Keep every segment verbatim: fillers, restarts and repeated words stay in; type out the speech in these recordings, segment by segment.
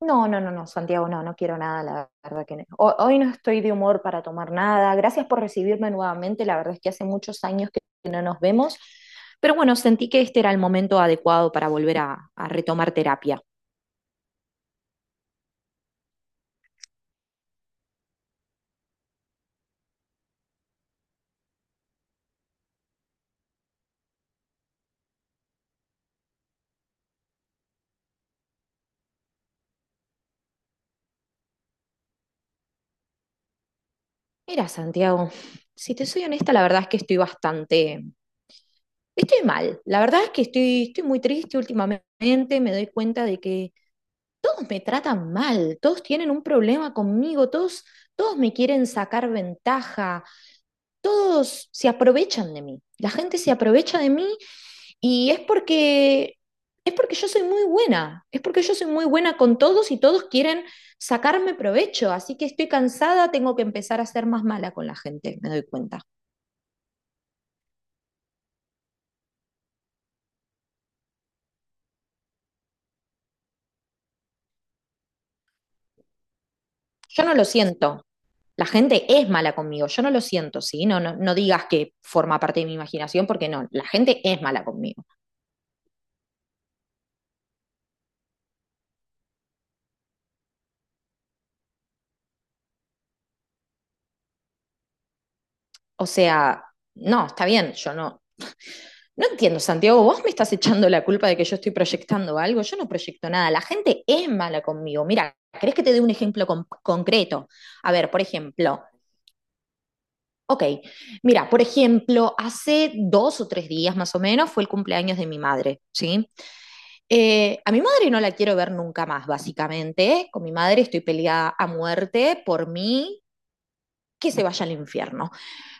No, no, no, no, Santiago, no, no quiero nada, la verdad que no. Ho- Hoy no estoy de humor para tomar nada. Gracias por recibirme nuevamente. La verdad es que hace muchos años que no nos vemos, pero bueno, sentí que este era el momento adecuado para volver a, a retomar terapia. Mira, Santiago, si te soy honesta, la verdad es que estoy bastante, estoy mal. La verdad es que estoy, estoy muy triste últimamente. Me doy cuenta de que todos me tratan mal, todos tienen un problema conmigo, todos, todos me quieren sacar ventaja, todos se aprovechan de mí. La gente se aprovecha de mí y es porque es porque yo soy muy buena, es porque yo soy muy buena con todos y todos quieren sacarme provecho, así que estoy cansada, tengo que empezar a ser más mala con la gente, me doy cuenta. Yo no lo siento. La gente es mala conmigo, yo no lo siento, ¿sí? No, no, no digas que forma parte de mi imaginación, porque no, la gente es mala conmigo. O sea, no, está bien, yo no, no entiendo, Santiago, vos me estás echando la culpa de que yo estoy proyectando algo, yo no proyecto nada, la gente es mala conmigo. Mira, ¿querés que te dé un ejemplo con- concreto? A ver, por ejemplo, ok, mira, por ejemplo, hace dos o tres días más o menos fue el cumpleaños de mi madre, ¿sí? Eh, a mi madre no la quiero ver nunca más, básicamente. Con mi madre estoy peleada a muerte. Por mí, que se vaya al infierno.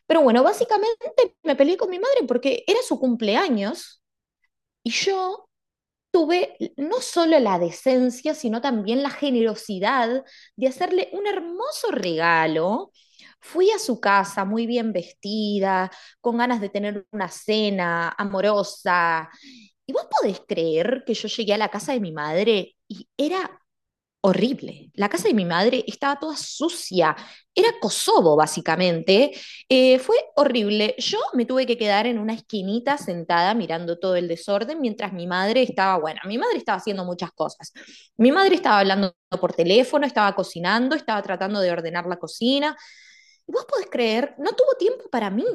Pero bueno, básicamente me peleé con mi madre porque era su cumpleaños y yo tuve no solo la decencia, sino también la generosidad de hacerle un hermoso regalo. Fui a su casa muy bien vestida, con ganas de tener una cena amorosa. ¿Y vos podés creer que yo llegué a la casa de mi madre y era horrible? La casa de mi madre estaba toda sucia. Era Kosovo, básicamente. Eh, fue horrible. Yo me tuve que quedar en una esquinita sentada mirando todo el desorden mientras mi madre estaba, bueno, mi madre estaba haciendo muchas cosas. Mi madre estaba hablando por teléfono, estaba cocinando, estaba tratando de ordenar la cocina. Y vos podés creer, no tuvo tiempo para mí.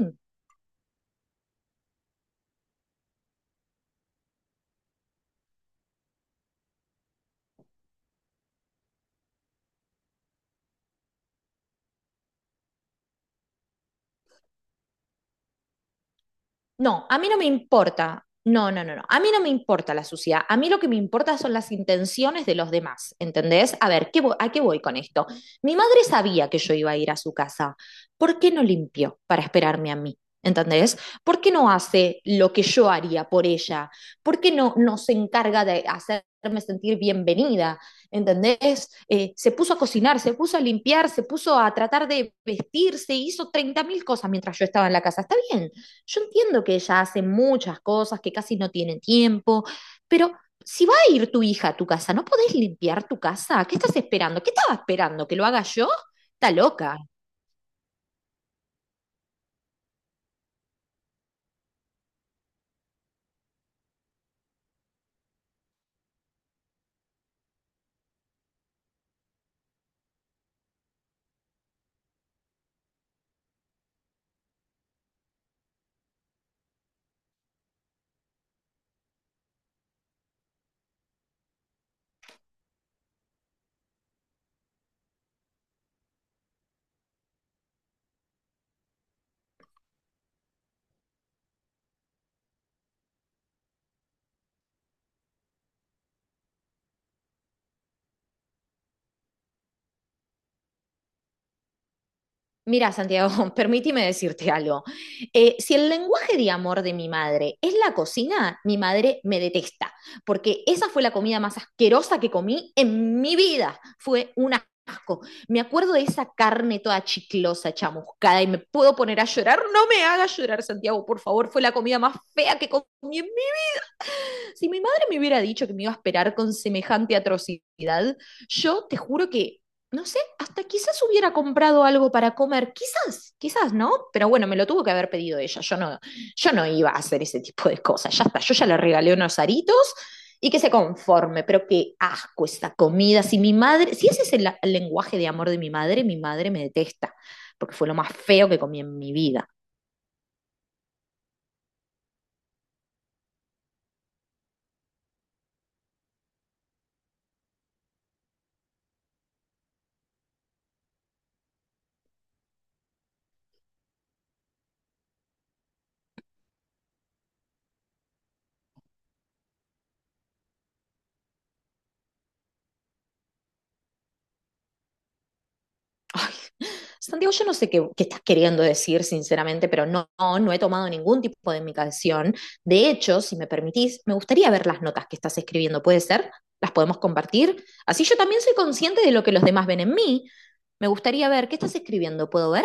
No, a mí no me importa. No, no, no, no. A mí no me importa la suciedad. A mí lo que me importa son las intenciones de los demás, ¿entendés? A ver, ¿qué vo- ¿a qué voy con esto? Mi madre sabía que yo iba a ir a su casa. ¿Por qué no limpió para esperarme a mí? ¿Entendés? ¿Por qué no hace lo que yo haría por ella? ¿Por qué no, no se encarga de hacerme sentir bienvenida? ¿Entendés? Eh, se puso a cocinar, se puso a limpiar, se puso a tratar de vestirse, hizo treinta mil cosas mientras yo estaba en la casa. Está bien, yo entiendo que ella hace muchas cosas, que casi no tiene tiempo, pero si va a ir tu hija a tu casa, ¿no podés limpiar tu casa? ¿Qué estás esperando? ¿Qué estaba esperando? ¿Que lo haga yo? Está loca. Mira, Santiago, permíteme decirte algo. Eh, si el lenguaje de amor de mi madre es la cocina, mi madre me detesta, porque esa fue la comida más asquerosa que comí en mi vida. Fue un asco. Me acuerdo de esa carne toda chiclosa, chamuscada, y me puedo poner a llorar. No me hagas llorar, Santiago, por favor. Fue la comida más fea que comí en... Si mi madre me hubiera dicho que me iba a esperar con semejante atrocidad, yo te juro que, no sé, hasta quizás hubiera comprado algo para comer, quizás, quizás no, pero bueno, me lo tuvo que haber pedido ella, yo no, yo no iba a hacer ese tipo de cosas, ya está, yo ya le regalé unos aritos y que se conforme, pero qué asco esa comida. Si mi madre, si ese es el, el lenguaje de amor de mi madre, mi madre me detesta, porque fue lo más feo que comí en mi vida. Ay, Santiago, yo no sé qué, qué estás queriendo decir, sinceramente, pero no, no, no he tomado ningún tipo de medicación. De hecho, si me permitís, me gustaría ver las notas que estás escribiendo. ¿Puede ser? ¿Las podemos compartir? Así yo también soy consciente de lo que los demás ven en mí. Me gustaría ver qué estás escribiendo. ¿Puedo ver?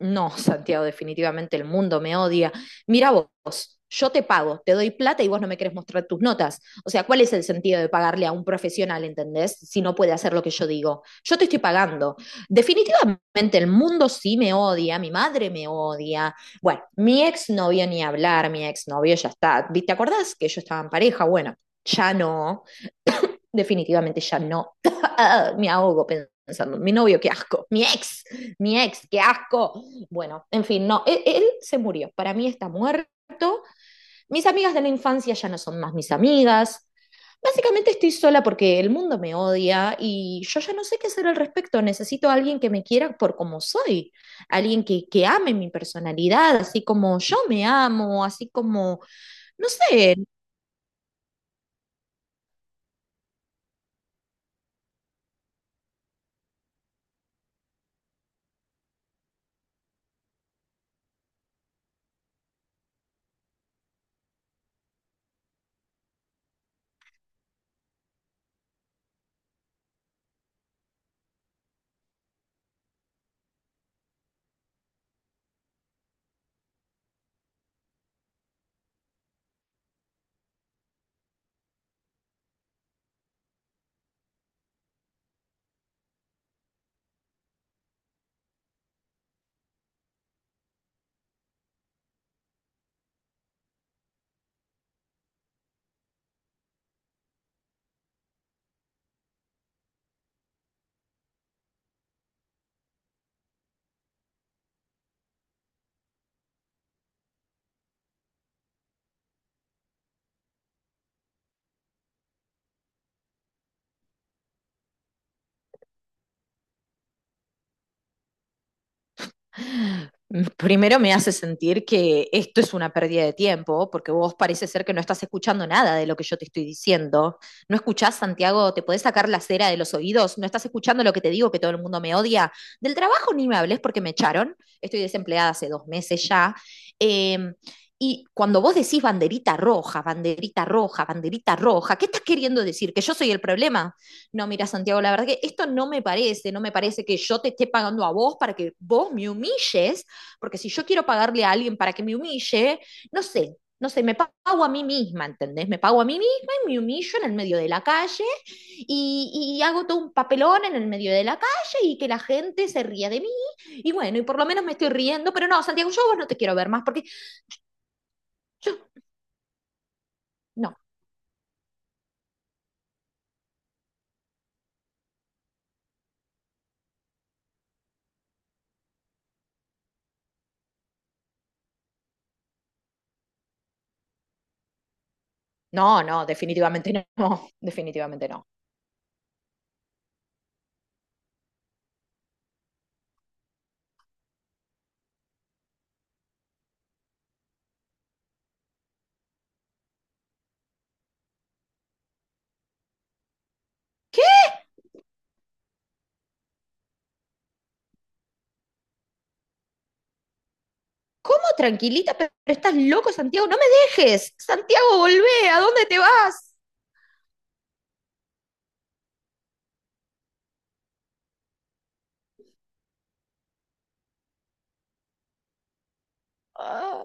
No, Santiago, definitivamente el mundo me odia. Mira vos, yo te pago, te doy plata y vos no me querés mostrar tus notas. O sea, ¿cuál es el sentido de pagarle a un profesional, entendés? Si no puede hacer lo que yo digo. Yo te estoy pagando. Definitivamente el mundo sí me odia, mi madre me odia. Bueno, mi exnovio ni hablar, mi exnovio ya está. ¿Vi- ¿Te acordás que yo estaba en pareja? Bueno, ya no. Definitivamente ya no. Me ahogo pensando, mi novio, qué asco. Mi ex, mi ex, qué asco. Bueno, en fin, no, él, él se murió, para mí está muerto. Mis amigas de la infancia ya no son más mis amigas. Básicamente estoy sola porque el mundo me odia y yo ya no sé qué hacer al respecto. Necesito a alguien que me quiera por como soy, alguien que, que ame mi personalidad, así como yo me amo, así como, no sé, primero me hace sentir que esto es una pérdida de tiempo, porque vos parece ser que no estás escuchando nada de lo que yo te estoy diciendo. ¿No escuchás, Santiago? ¿Te podés sacar la cera de los oídos? ¿No estás escuchando lo que te digo, que todo el mundo me odia? Del trabajo ni me hables porque me echaron. Estoy desempleada hace dos meses ya. Eh, y cuando vos decís banderita roja, banderita roja, banderita roja, ¿qué estás queriendo decir? ¿Que yo soy el problema? No, mira, Santiago, la verdad que esto no me parece, no me parece que yo te esté pagando a vos para que vos me humilles, porque si yo quiero pagarle a alguien para que me humille, no sé, no sé, me pago a mí misma, ¿entendés? Me pago a mí misma y me humillo en el medio de la calle y, y hago todo un papelón en el medio de la calle y que la gente se ría de mí, y bueno, y por lo menos me estoy riendo, pero no, Santiago, yo a vos no te quiero ver más porque yo, no, no, no, definitivamente no, definitivamente no. ¿Cómo tranquilita? Pero estás loco, Santiago, no me dejes. Santiago, volvé, ¿a dónde te vas? Ah.